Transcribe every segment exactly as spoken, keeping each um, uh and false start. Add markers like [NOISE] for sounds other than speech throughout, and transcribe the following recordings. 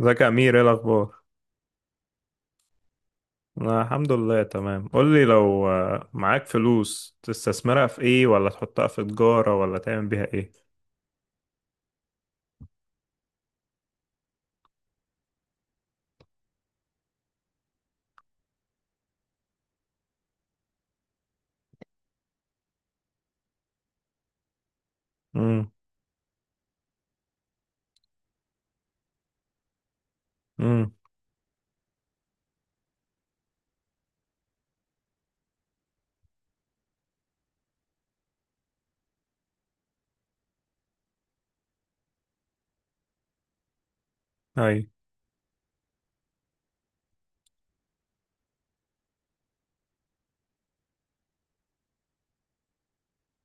ازيك يا امير؟ ايه الاخبار؟ انا الحمد لله تمام. قول لي لو آه، معاك فلوس تستثمرها في ايه، ولا تحطها في تجارة، ولا تعمل بيها ايه؟ امم. امم. اي.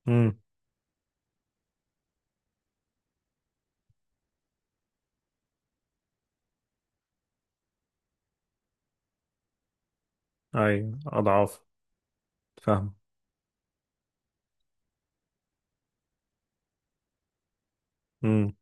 امم. اي، اضعاف. فاهم. امم.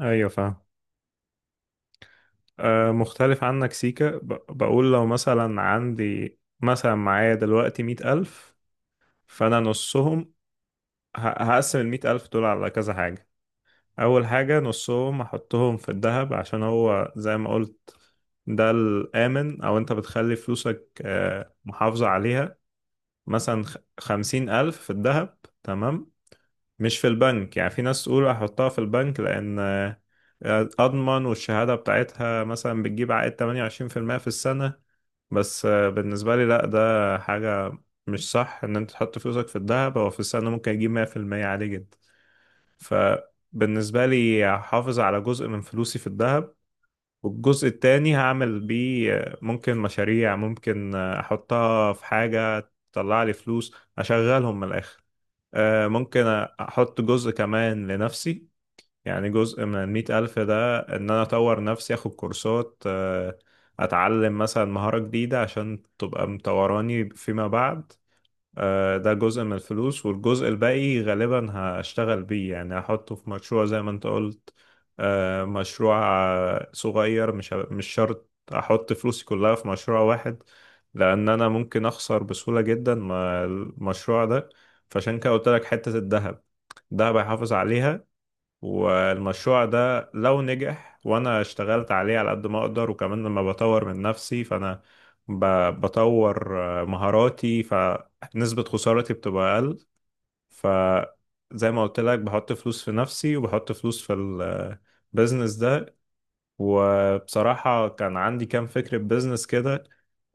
ايوه، فاهم. أه، مختلف عنك سيكا. ب- بقول لو مثلا عندي، مثلا معايا دلوقتي مئة ألف. فأنا نصهم، ه- هقسم المئة ألف دول على كذا حاجة. اول حاجة نصهم احطهم في الذهب، عشان هو زي ما قلت، ده الامن، او انت بتخلي فلوسك آه، محافظة عليها. مثلا خ- خمسين الف في الذهب. تمام، مش في البنك. يعني في ناس تقول احطها في البنك لان آه، اضمن، والشهادة بتاعتها مثلا بتجيب عائد تمانية وعشرين في المية في المية في السنة. بس آه، بالنسبة لي لا، ده حاجة مش صح. ان انت تحط فلوسك في الذهب، هو في السنة ممكن يجيب مية في المية عادي جدا. فبالنسبة لي هحافظ على جزء من فلوسي في الذهب، والجزء التاني هعمل بيه ممكن مشاريع، ممكن أحطها في حاجة تطلع لي فلوس أشغلهم من الآخر. آه، ممكن أحط جزء كمان لنفسي، يعني جزء من المئة ألف ده إن أنا أطور نفسي، أخد كورسات، آه، أتعلم مثلا مهارة جديدة عشان تبقى مطوراني فيما بعد. آه، ده جزء من الفلوس، والجزء الباقي غالبا هشتغل بيه، يعني هحطه في مشروع زي ما انت قلت. آه، مشروع آه، صغير. مش ه- مش شرط احط فلوسي كلها في مشروع واحد، لان انا ممكن اخسر بسهولة جدا مع المشروع ده. فعشان كده قلت لك حتة الذهب، الذهب هيحافظ عليها. والمشروع ده لو نجح وانا اشتغلت عليه على قد ما اقدر، وكمان لما بطور من نفسي، فانا ب- بطور آه، مهاراتي، فنسبة خسارتي بتبقى اقل. فزي ما قلت لك، بحط فلوس في نفسي وبحط فلوس في البيزنس ده. وبصراحة كان عندي كام فكرة بيزنس كده،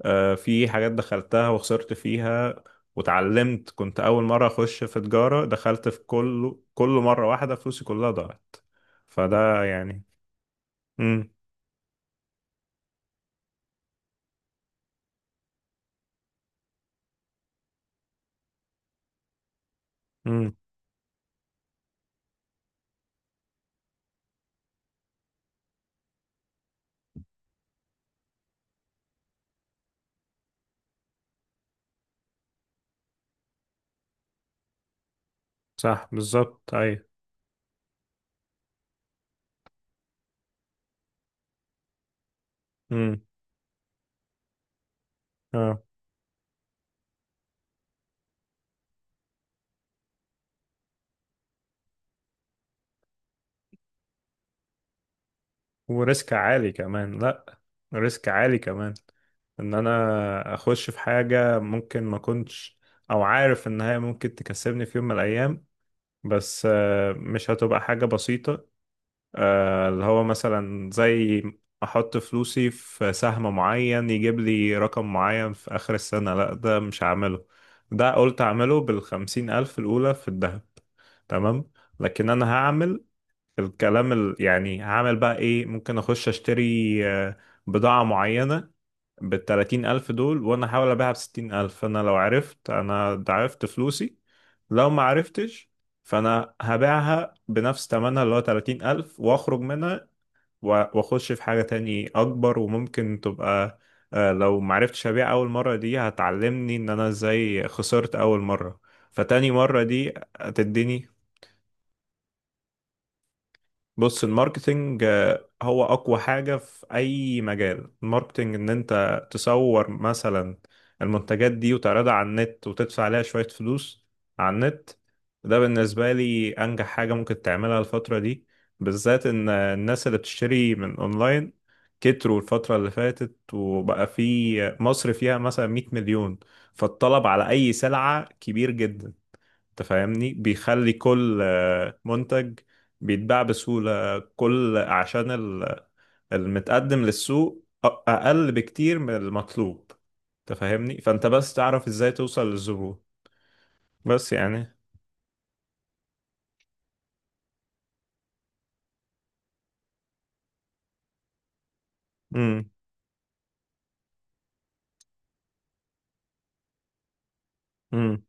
آه، في حاجات دخلتها وخسرت فيها واتعلمت. كنت أول مرة أخش في تجارة، دخلت في كل كل مرة واحدة فلوسي كلها ضاعت. فده يعني. امم. امم. صح، بالظبط، أيوة. امم. اه. وريسك عالي كمان، لأ. ريسك عالي كمان. ان انا اخش في حاجة ممكن ما كنتش، او عارف ان هي ممكن تكسبني في يوم من الايام. بس آه، مش هتبقى حاجة بسيطة. آه، اللي هو مثلا زي احط فلوسي في سهم معين يجيب لي رقم معين في اخر السنة، لا، ده مش هعمله. ده قلت اعمله بالخمسين الف الاولى في الذهب. تمام. لكن انا هعمل الكلام ال... يعني هعمل بقى ايه، ممكن اخش اشتري آه، بضاعة معينة بالتلاتين ألف دول، وأنا أحاول أبيعها بستين ألف. فأنا لو عرفت، أنا ضعفت فلوسي. لو ما عرفتش، فأنا هبيعها بنفس تمنها اللي هو تلاتين ألف، وأخرج منها و- وأخش في حاجة تاني أكبر، وممكن تبقى آه، لو ما عرفتش أبيع أول مرة، دي هتعلمني إن أنا إزاي خسرت أول مرة. فتاني مرة دي هتديني. بص الماركتينج آه، هو أقوى حاجة في أي مجال. الماركتينج إن أنت تصور مثلا المنتجات دي وتعرضها على النت وتدفع عليها شوية فلوس على النت. ده بالنسبة لي أنجح حاجة ممكن تعملها الفترة دي، بالذات إن آه، الناس اللي بتشتري من أونلاين كتروا الفترة اللي فاتت، وبقى في مصر فيها مثلا 100 مليون. فالطلب على أي سلعة كبير جدا. انت فاهمني؟ بيخلي كل آه، منتج بيتباع بسهولة. كل عشان ال- المتقدم للسوق أ- أقل بكتير من المطلوب. انت فاهمني، فانت بس تعرف ازاي توصل للزبون. بس يعني. امم. امم.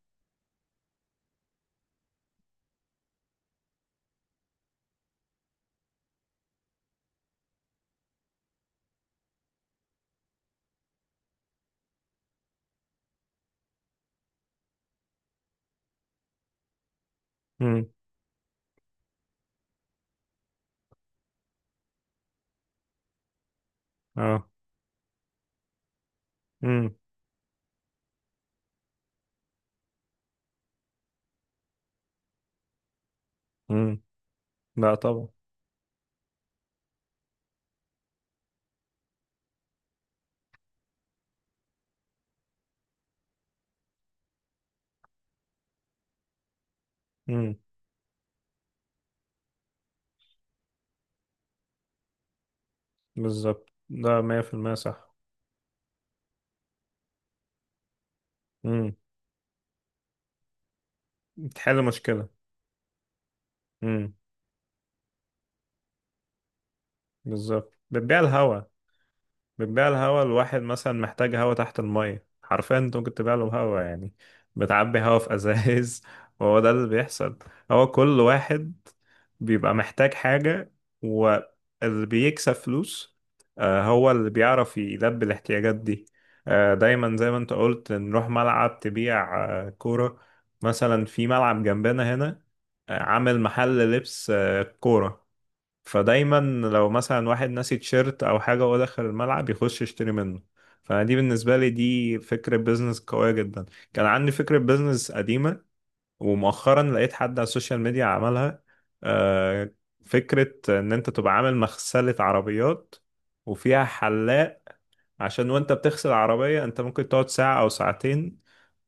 امم. اه. امم. امم. لا طبعا. امم. بالظبط، ده مية في المية صح. امم. بتحل مشكلة. امم. بالظبط، بتبيع الهوا. بتبيع الهوا، الواحد مثلا محتاج هوا تحت المية، حرفيا انت ممكن تبيع له هوا يعني. بتعبي هوا في ازايز [LAUGHS] وهو ده اللي بيحصل. هو كل واحد بيبقى محتاج حاجة، واللي بيكسب فلوس آه، هو اللي بيعرف يلبي الاحتياجات دي. آه، دايما زي ما انت قلت، نروح ملعب تبيع آه، كورة، مثلا في ملعب جنبنا هنا آه، عامل محل لبس آه، كورة. فدايما لو مثلا واحد ناسي تيشيرت او حاجه وهو داخل الملعب، يخش يشتري منه. فانا دي بالنسبه لي دي فكره بيزنس قويه جدا. كان عندي فكره بيزنس قديمه، ومؤخرا لقيت حد على السوشيال ميديا عملها. آه، فكره ان انت تبقى عامل مغسله عربيات وفيها حلاق، عشان وانت بتغسل العربية انت ممكن تقعد ساعة او ساعتين.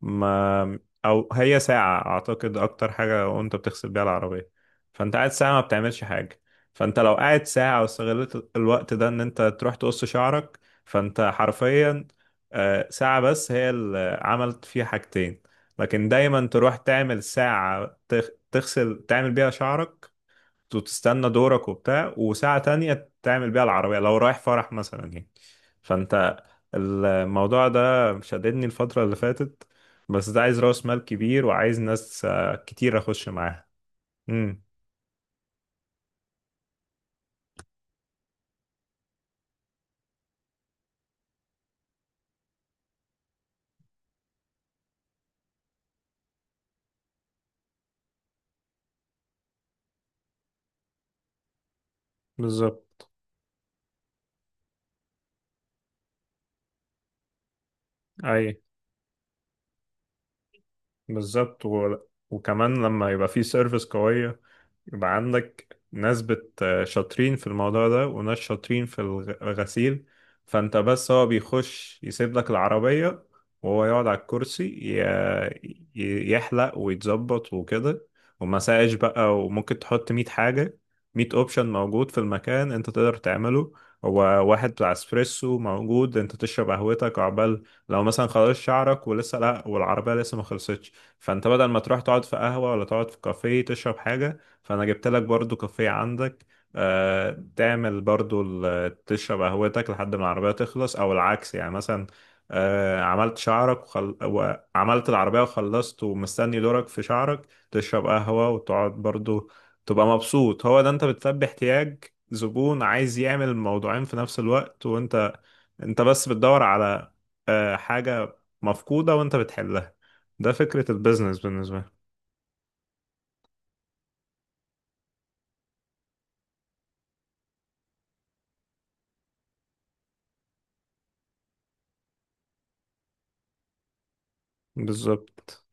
ما او هي ساعة اعتقد اكتر حاجة وانت بتغسل بيها العربية. فانت قاعد ساعة ما بتعملش حاجة. فانت لو قاعد ساعة واستغلت الوقت ده ان انت تروح تقص شعرك، فانت حرفيا آه، ساعة بس هي اللي عملت فيها حاجتين. لكن دايما تروح تعمل ساعة تغ- تغسل تعمل بيها شعرك، وتستنى دورك وبتاع، وساعة تانية تعمل بيها العربية لو رايح فرح مثلا يعني. فانت الموضوع ده شددني الفترة اللي فاتت، بس ده عايز رأس مال كبير وعايز ناس آه، كتير أخش معاها. امم. بالظبط. أي. بالظبط و... وكمان لما يبقى في سيرفيس قوية، يبقى عندك ناس بت شاطرين في الموضوع ده وناس شاطرين في الغ- الغسيل. فانت بس هو بيخش يسيب لك العربية، وهو يقعد على الكرسي ي- ي- يحلق ويتظبط وكده، ومساج بقى، وممكن تحط مية حاجة. مية اوبشن موجود في المكان انت تقدر تعمله. هو واحد بتاع اسبريسو موجود، انت تشرب قهوتك عقبال لو مثلا خلاص شعرك ولسه لا، والعربية لسه ما خلصتش. فانت بدل ما تروح تقعد في قهوة ولا تقعد في كافيه تشرب حاجة، فانا جبت لك برضو كافيه عندك، آه، تعمل برضو ال- تشرب قهوتك لحد ما العربية تخلص، او العكس يعني مثلا، آه، عملت شعرك وخل... وعملت العربية وخلصت ومستني دورك في شعرك، تشرب قهوة وتقعد برضو، تبقى مبسوط. هو ده، انت بتلبي احتياج زبون عايز يعمل الموضوعين في نفس الوقت. وانت انت بس بتدور على آه، حاجة مفقودة وانت بتحلها. ده فكرة البيزنس بالنسبة لي. بالظبط.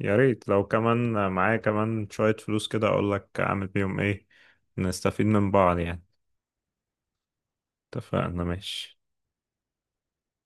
يا ريت لو كمان معايا كمان شوية فلوس كده أقولك أعمل بيهم إيه، نستفيد من بعض يعني. اتفقنا، ماشي.